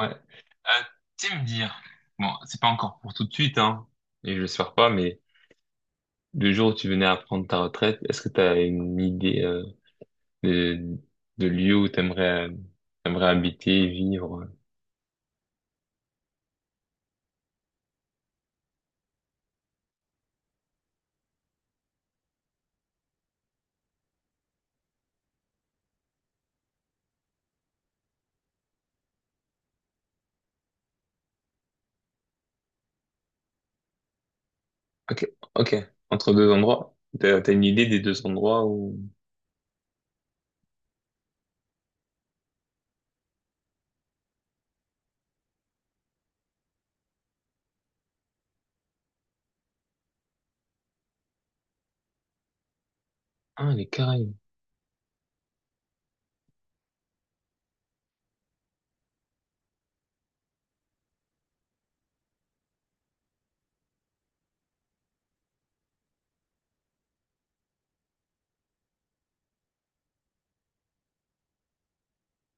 Ouais. Tu sais me dire, bon, c'est pas encore pour tout de suite, hein, et je l'espère pas, mais le jour où tu venais à prendre ta retraite, est-ce que tu as une idée de, de lieu où t'aimerais t'aimerais habiter, vivre? Ok, ok. Entre deux endroits? T'as une idée des deux endroits où... Ah, les Caraïbes.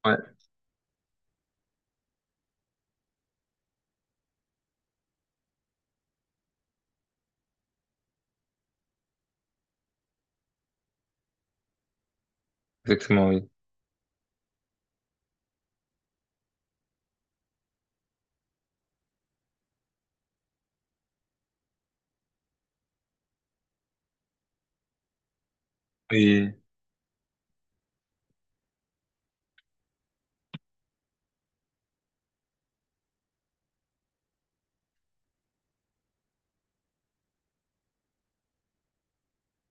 Ouais, exactement, oui. Oui,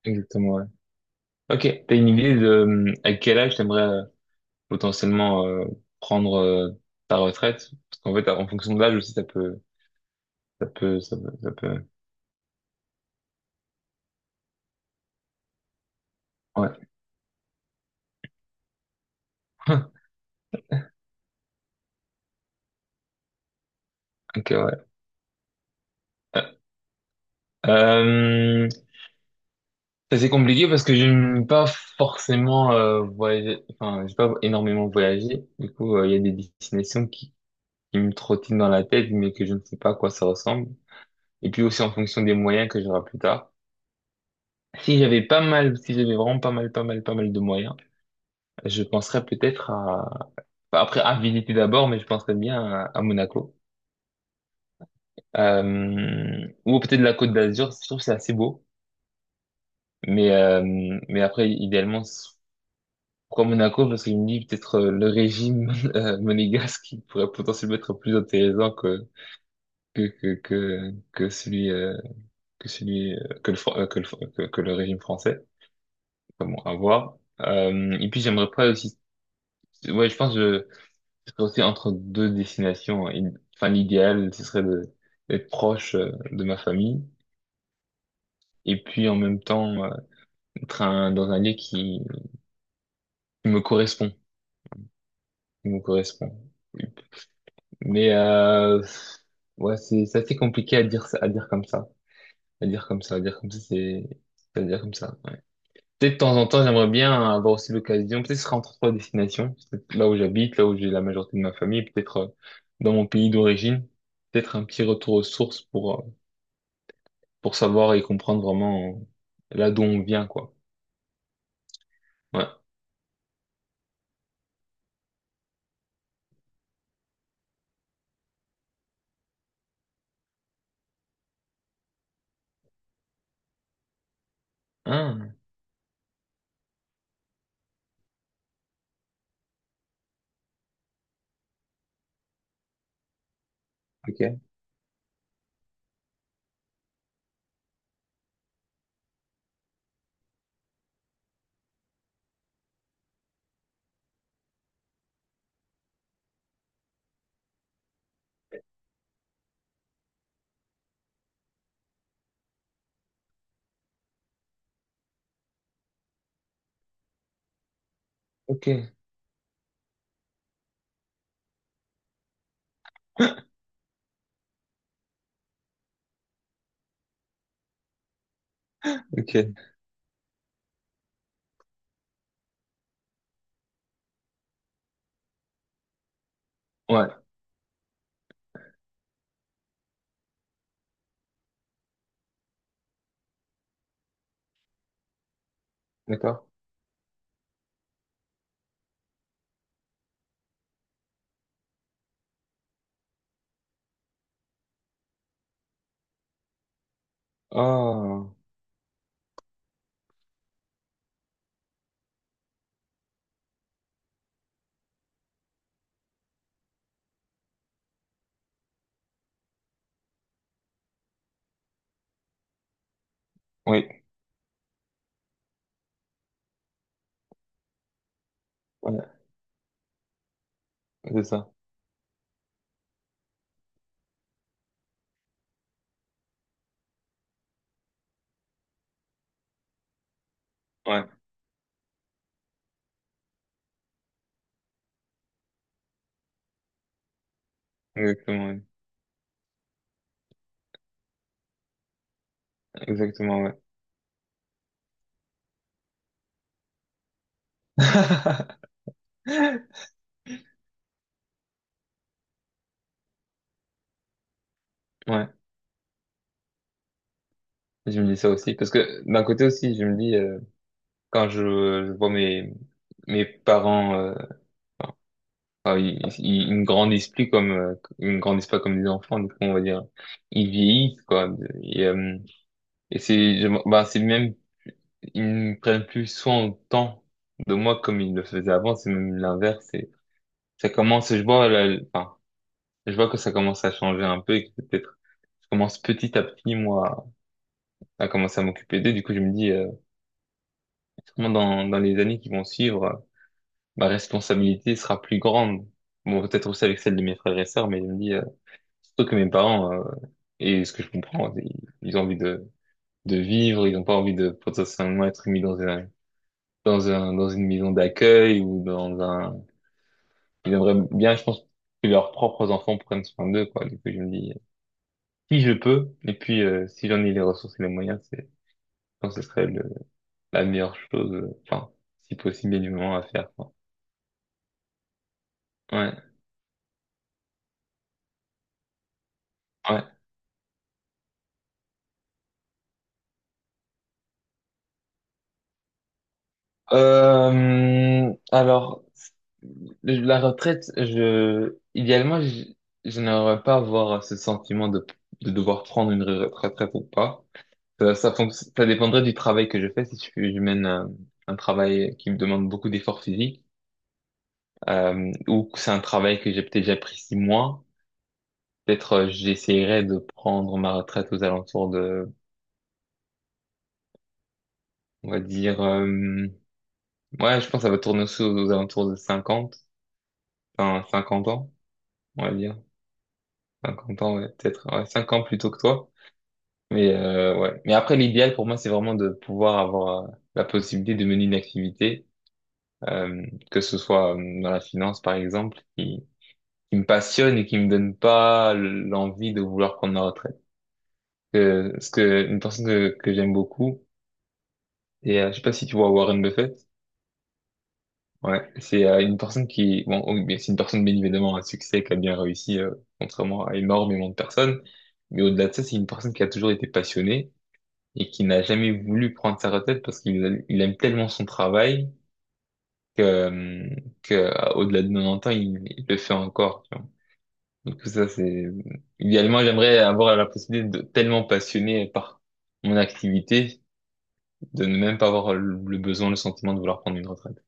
exactement, ouais. Ok, t'as une idée de à quel âge t'aimerais potentiellement prendre ta retraite? Parce qu'en fait, en fonction de l'âge aussi, ça peut... Ça peut, ça peut, ça peut. Ouais. Ok, ouais. Euh, euh, Ça, c'est compliqué parce que je n'aime pas forcément voyager. Enfin, j'ai pas énormément voyagé. Du coup, il y a des destinations qui me trottinent dans la tête, mais que je ne sais pas à quoi ça ressemble. Et puis aussi en fonction des moyens que j'aurai plus tard. Si j'avais pas mal, si j'avais vraiment pas mal, pas mal, pas mal de moyens, je penserais peut-être à, enfin, après à visiter d'abord, mais je penserais bien à Monaco. Ou peut-être la Côte d'Azur. Je trouve que c'est assez beau. Mais, euh, mais après, idéalement, c'est- pourquoi Monaco? Parce qu'il me dit peut-être le régime monégasque qui pourrait potentiellement être plus intéressant que celui, que celui, que le, que le, que le régime français. Enfin bon, à voir. Et puis j'aimerais pas aussi, ouais, je pense que je serais aussi entre deux destinations. Enfin, l'idéal, ce serait de, d'être proche de ma famille. Et puis en même temps, être dans un lieu qui, qui me correspond, qui me correspond. Mais euh, ouais, c'est assez compliqué à dire à dire comme ça, à dire comme ça, à dire comme ça, c'est à dire comme ça. Ouais. Peut-être de temps en temps, j'aimerais bien avoir aussi l'occasion. Peut-être ce sera entre trois destinations, peut-être là où j'habite, là où j'ai la majorité de ma famille, peut-être dans mon pays d'origine. Peut-être un petit retour aux sources pour savoir et comprendre vraiment là d'où on vient, quoi. Ouais. Ah, ok, ok, ok. Ouais, d'accord. Ah, oui, ouais, c'est ça. Ouais, exactement. Ouais. Exactement, ouais. Ouais, je me dis ça aussi. Parce que d'un côté aussi, je me dis, quand je vois mes, mes parents, enfin, ils ne grandissent plus comme, ils ne grandissent pas comme des enfants, du coup, on va dire, ils vieillissent, quoi. Et, euh, et c'est, bah, c'est même, ils ne prennent plus soin autant de moi comme ils le faisaient avant, c'est même l'inverse. C'est, ça commence, je vois, enfin, je vois que ça commence à changer un peu et que peut-être, je commence petit à petit, moi, à commencer à m'occuper d'eux. Du coup, je me dis, sûrement dans, dans les années qui vont suivre, ma responsabilité sera plus grande. Bon, peut-être aussi avec celle de mes frères et sœurs, mais je me dis, surtout que mes parents, et ce que je comprends, ils ont envie de vivre, ils n'ont pas envie de potentiellement être mis dans un, dans un, dans une maison d'accueil ou dans un, ils aimeraient bien, je pense, que leurs propres enfants prennent soin d'eux, quoi. Du coup, je me dis, si je peux, et puis, si j'en ai les ressources et les moyens, c'est, je pense que ce serait le, la meilleure chose, enfin, si possible, et moment à faire, quoi. Ouais, ouais. Alors, la retraite, je, idéalement, je n'aimerais pas avoir ce sentiment de devoir prendre une retraite ou pas. Ça, ça dépendrait du travail que je fais. Si je, je mène un travail qui me demande beaucoup d'efforts physiques, ou que c'est un travail que j'ai peut-être déjà pris 6 mois, peut-être j'essaierai de prendre ma retraite aux alentours de, on va dire, ouais, je pense que ça va tourner aussi aux, aux alentours de 50, enfin 50 ans, on va dire. 50 ans, ouais, peut-être. Ouais, 5 ans plus tôt que toi. Ouais. Mais après, l'idéal pour moi, c'est vraiment de pouvoir avoir la possibilité de mener une activité, euh, que ce soit dans la finance, par exemple, qui me passionne et qui me donne pas l'envie de vouloir prendre ma retraite. Parce que une personne que j'aime beaucoup, et je sais pas si tu vois Warren Buffett. Ouais, c'est une personne qui, bon, oh, mais c'est une personne bien évidemment à succès qui a bien réussi, contrairement à énormément de personnes. Mais au-delà de ça, c'est une personne qui a toujours été passionnée et qui n'a jamais voulu prendre sa retraite parce qu'il il aime tellement son travail que, au-delà de 90 ans, il le fait encore. Tu vois. Donc ça, c'est idéalement, j'aimerais avoir la possibilité de tellement passionné par mon activité de ne même pas avoir le besoin, le sentiment de vouloir prendre une retraite.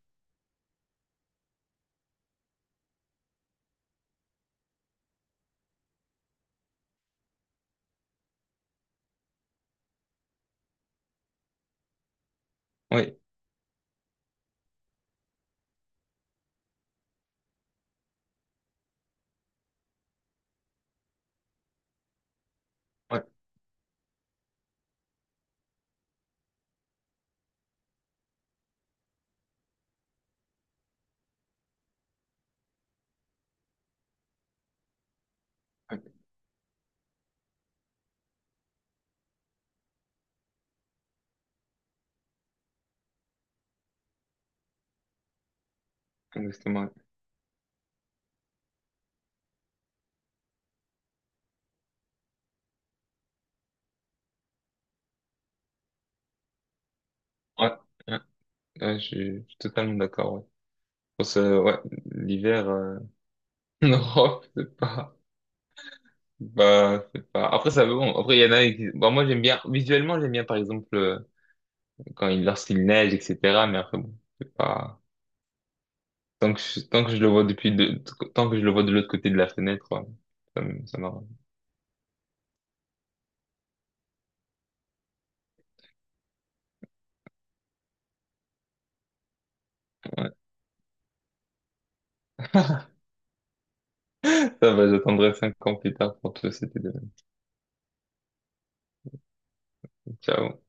Oui, ouais, ouais, exactement. Ouais. Ouais. Ouais, je suis totalement d'accord. Ouais. Ouais, l'hiver en Europe, c'est pas, bah, c'est pas. Après, ça bon. Après, il y en a qui. Bon, moi, j'aime bien. Visuellement, j'aime bien, par exemple, quand il lorsqu'il neige, etc. Mais après, bon, c'est pas. Tant que je le vois depuis de, tant que je le vois de l'autre côté de la fenêtre, ouais, ça m'arrange. Ouais. Ça va, j'attendrai 5 ans plus tard pour te c'était de. Ciao.